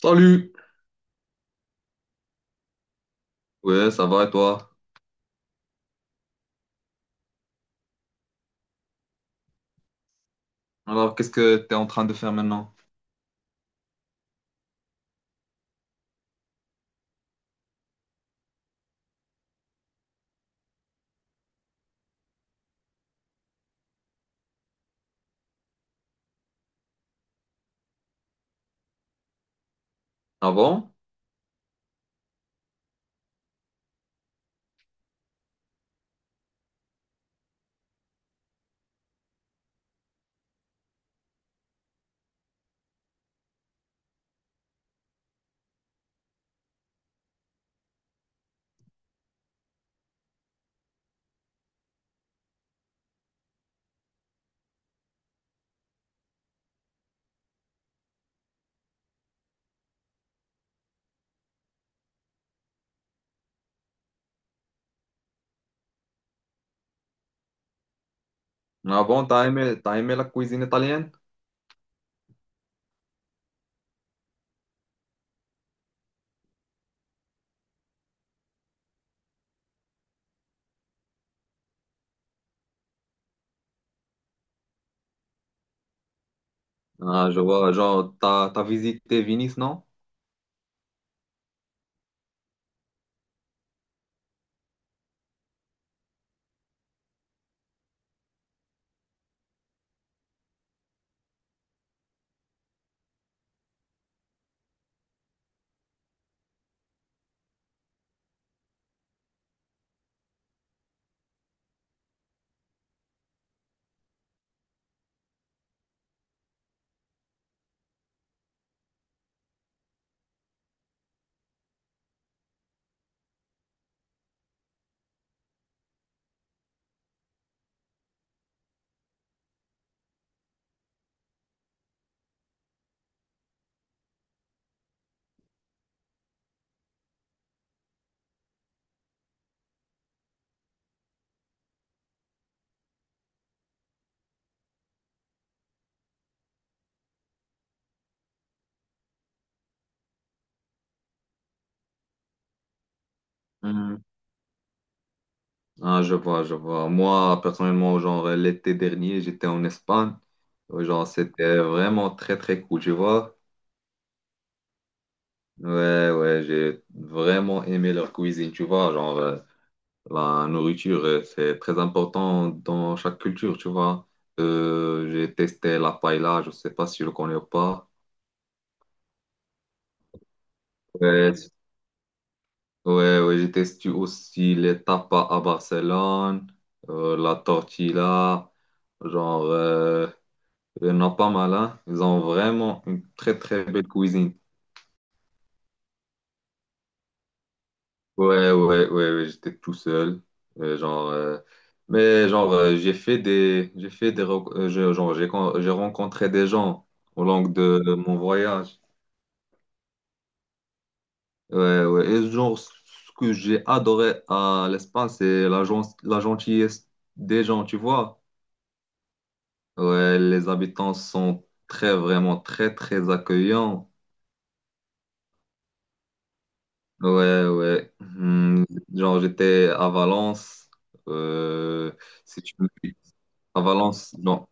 Salut! Ouais, ça va et toi? Alors, qu'est-ce que tu es en train de faire maintenant? Avant? Avant, t'as aimé la cuisine italienne? Ah, je vois, genre, t'as visité Venise, non? Hmm. Ah, je vois, je vois. Moi, personnellement, genre, l'été dernier, j'étais en Espagne. Ouais, genre, c'était vraiment très, très cool, tu vois? Ouais, ouais, j'ai vraiment aimé leur cuisine, tu vois? Genre, la nourriture, c'est très important dans chaque culture, tu vois. J'ai testé la paella, je sais pas si je le connais ou pas. Ouais, ouais, ouais, j'ai testé aussi les tapas à Barcelone, la tortilla, genre, il y en a pas mal, hein. Ils ont vraiment une très très belle cuisine. Ouais, ouais, ouais, ouais, j'étais tout seul. Euh, genre, euh, mais genre, j'ai fait des, rec- je- genre, j'ai rencontré des gens au long de mon voyage. Ouais, ouais. Et genre, ce que j'ai adoré à l'Espagne, c'est la, la gentillesse des gens, tu vois. Ouais, les habitants sont très, vraiment très, très accueillants. Ouais, ouais. Hmm, genre, j'étais à Valence. Euh, Si tu me... À Valence, non.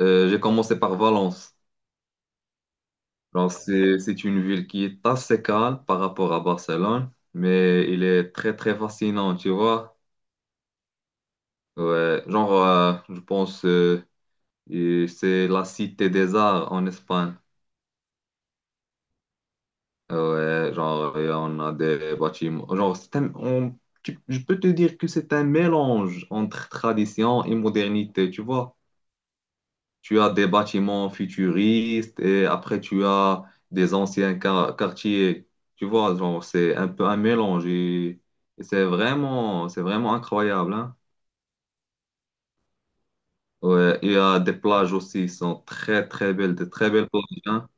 J'ai commencé par Valence. Alors, c'est une ville qui est assez calme par rapport à Barcelone, mais il est très, très fascinant, tu vois. Ouais, genre, je pense et c'est la cité des arts en Espagne. Ouais, genre, et on a des bâtiments. Genre, c'est un- on- tu- Je peux te dire que c'est un mélange entre tradition et modernité, tu vois. Tu as des bâtiments futuristes et après tu as des anciens quartiers. Tu vois, genre, c'est un peu un mélange et c'est vraiment incroyable, hein. Ouais, il y a des plages aussi, qui sont très très belles, de très belles plages, hein.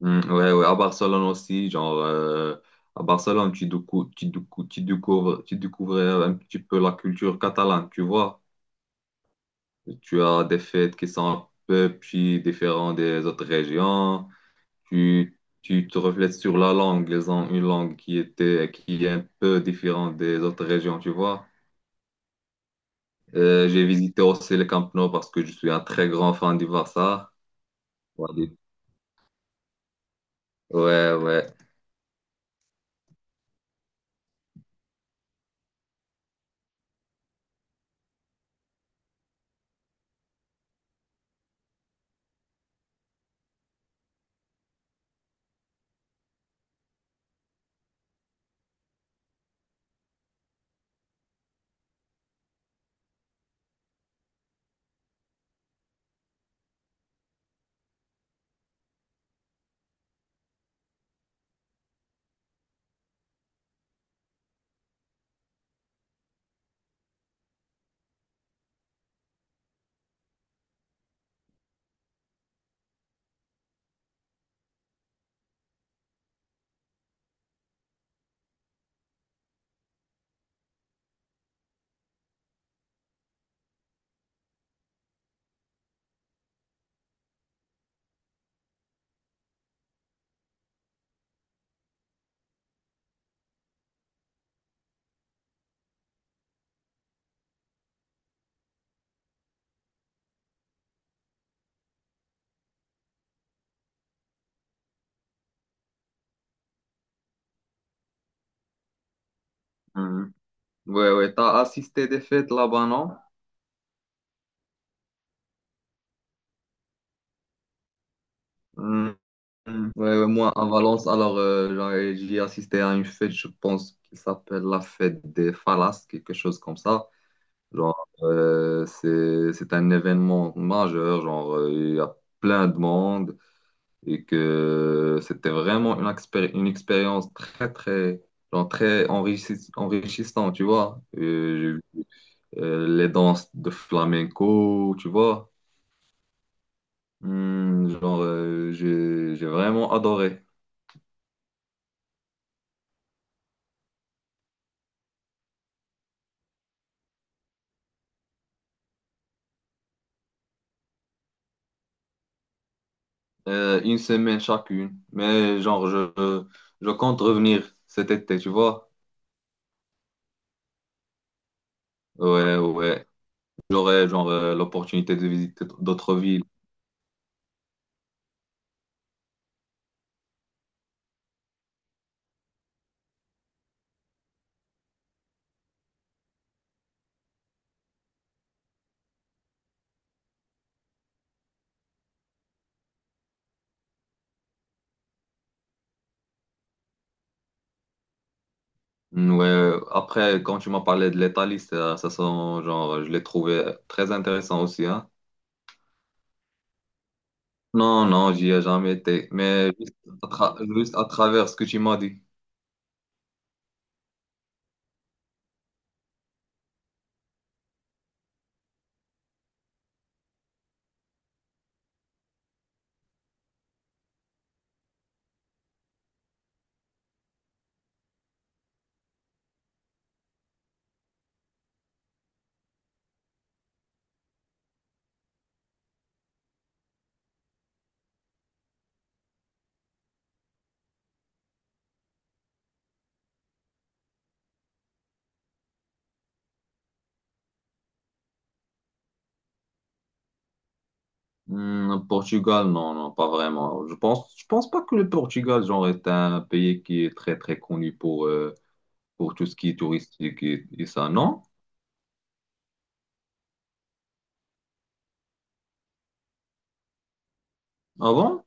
Mm, ouais, ouais, à Barcelone aussi, genre, à Barcelone, tu découvres un petit peu la culture catalane, tu vois. Tu as des fêtes qui sont un peu plus différentes des autres régions. Tu te reflètes sur la langue, une langue qui était, qui est un peu différente des autres régions, tu vois. J'ai visité aussi le Camp Nou parce que je suis un très grand fan du Barça. Ouais, du- ouais. Ouais, mhm. Ouais. Ouais. T'as assisté des fêtes là-bas, non? Mhm. Ouais, ouais, moi, à Valence, alors, j'y ai assisté à une fête, je pense, qui s'appelle la fête des Falas, quelque chose comme ça. Genre, c'est un événement majeur, genre, il y a plein de monde. Et que c'était vraiment une expérience très, très, genre très enrichissante, tu vois. J'ai vu, les danses de flamenco, tu vois. Hmm, genre, j'ai vraiment adoré. Une semaine chacune, mais genre, je compte revenir cet été, tu vois. Ouais, ouais. J'aurai genre l'opportunité de visiter d'autres villes. Mm, ouais, après, quand tu m'as parlé de l'Italie, ça sent, genre, je l'ai trouvé très intéressant aussi, hein. Non, non, j'y ai jamais été, mais juste à travers ce que tu m'as dit. Mm, Portugal, non, non, pas vraiment. Je pense pas que le Portugal, genre, est un pays qui est très, très connu pour tout ce qui est touristique et ça, non? Ah bon?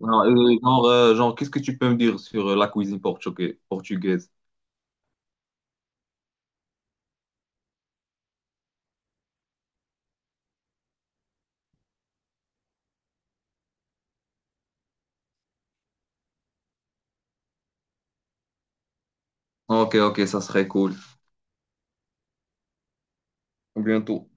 Non, genre, qu'est-ce que tu peux me dire sur la cuisine portugaise? Ok, ok, ça serait cool. À bientôt.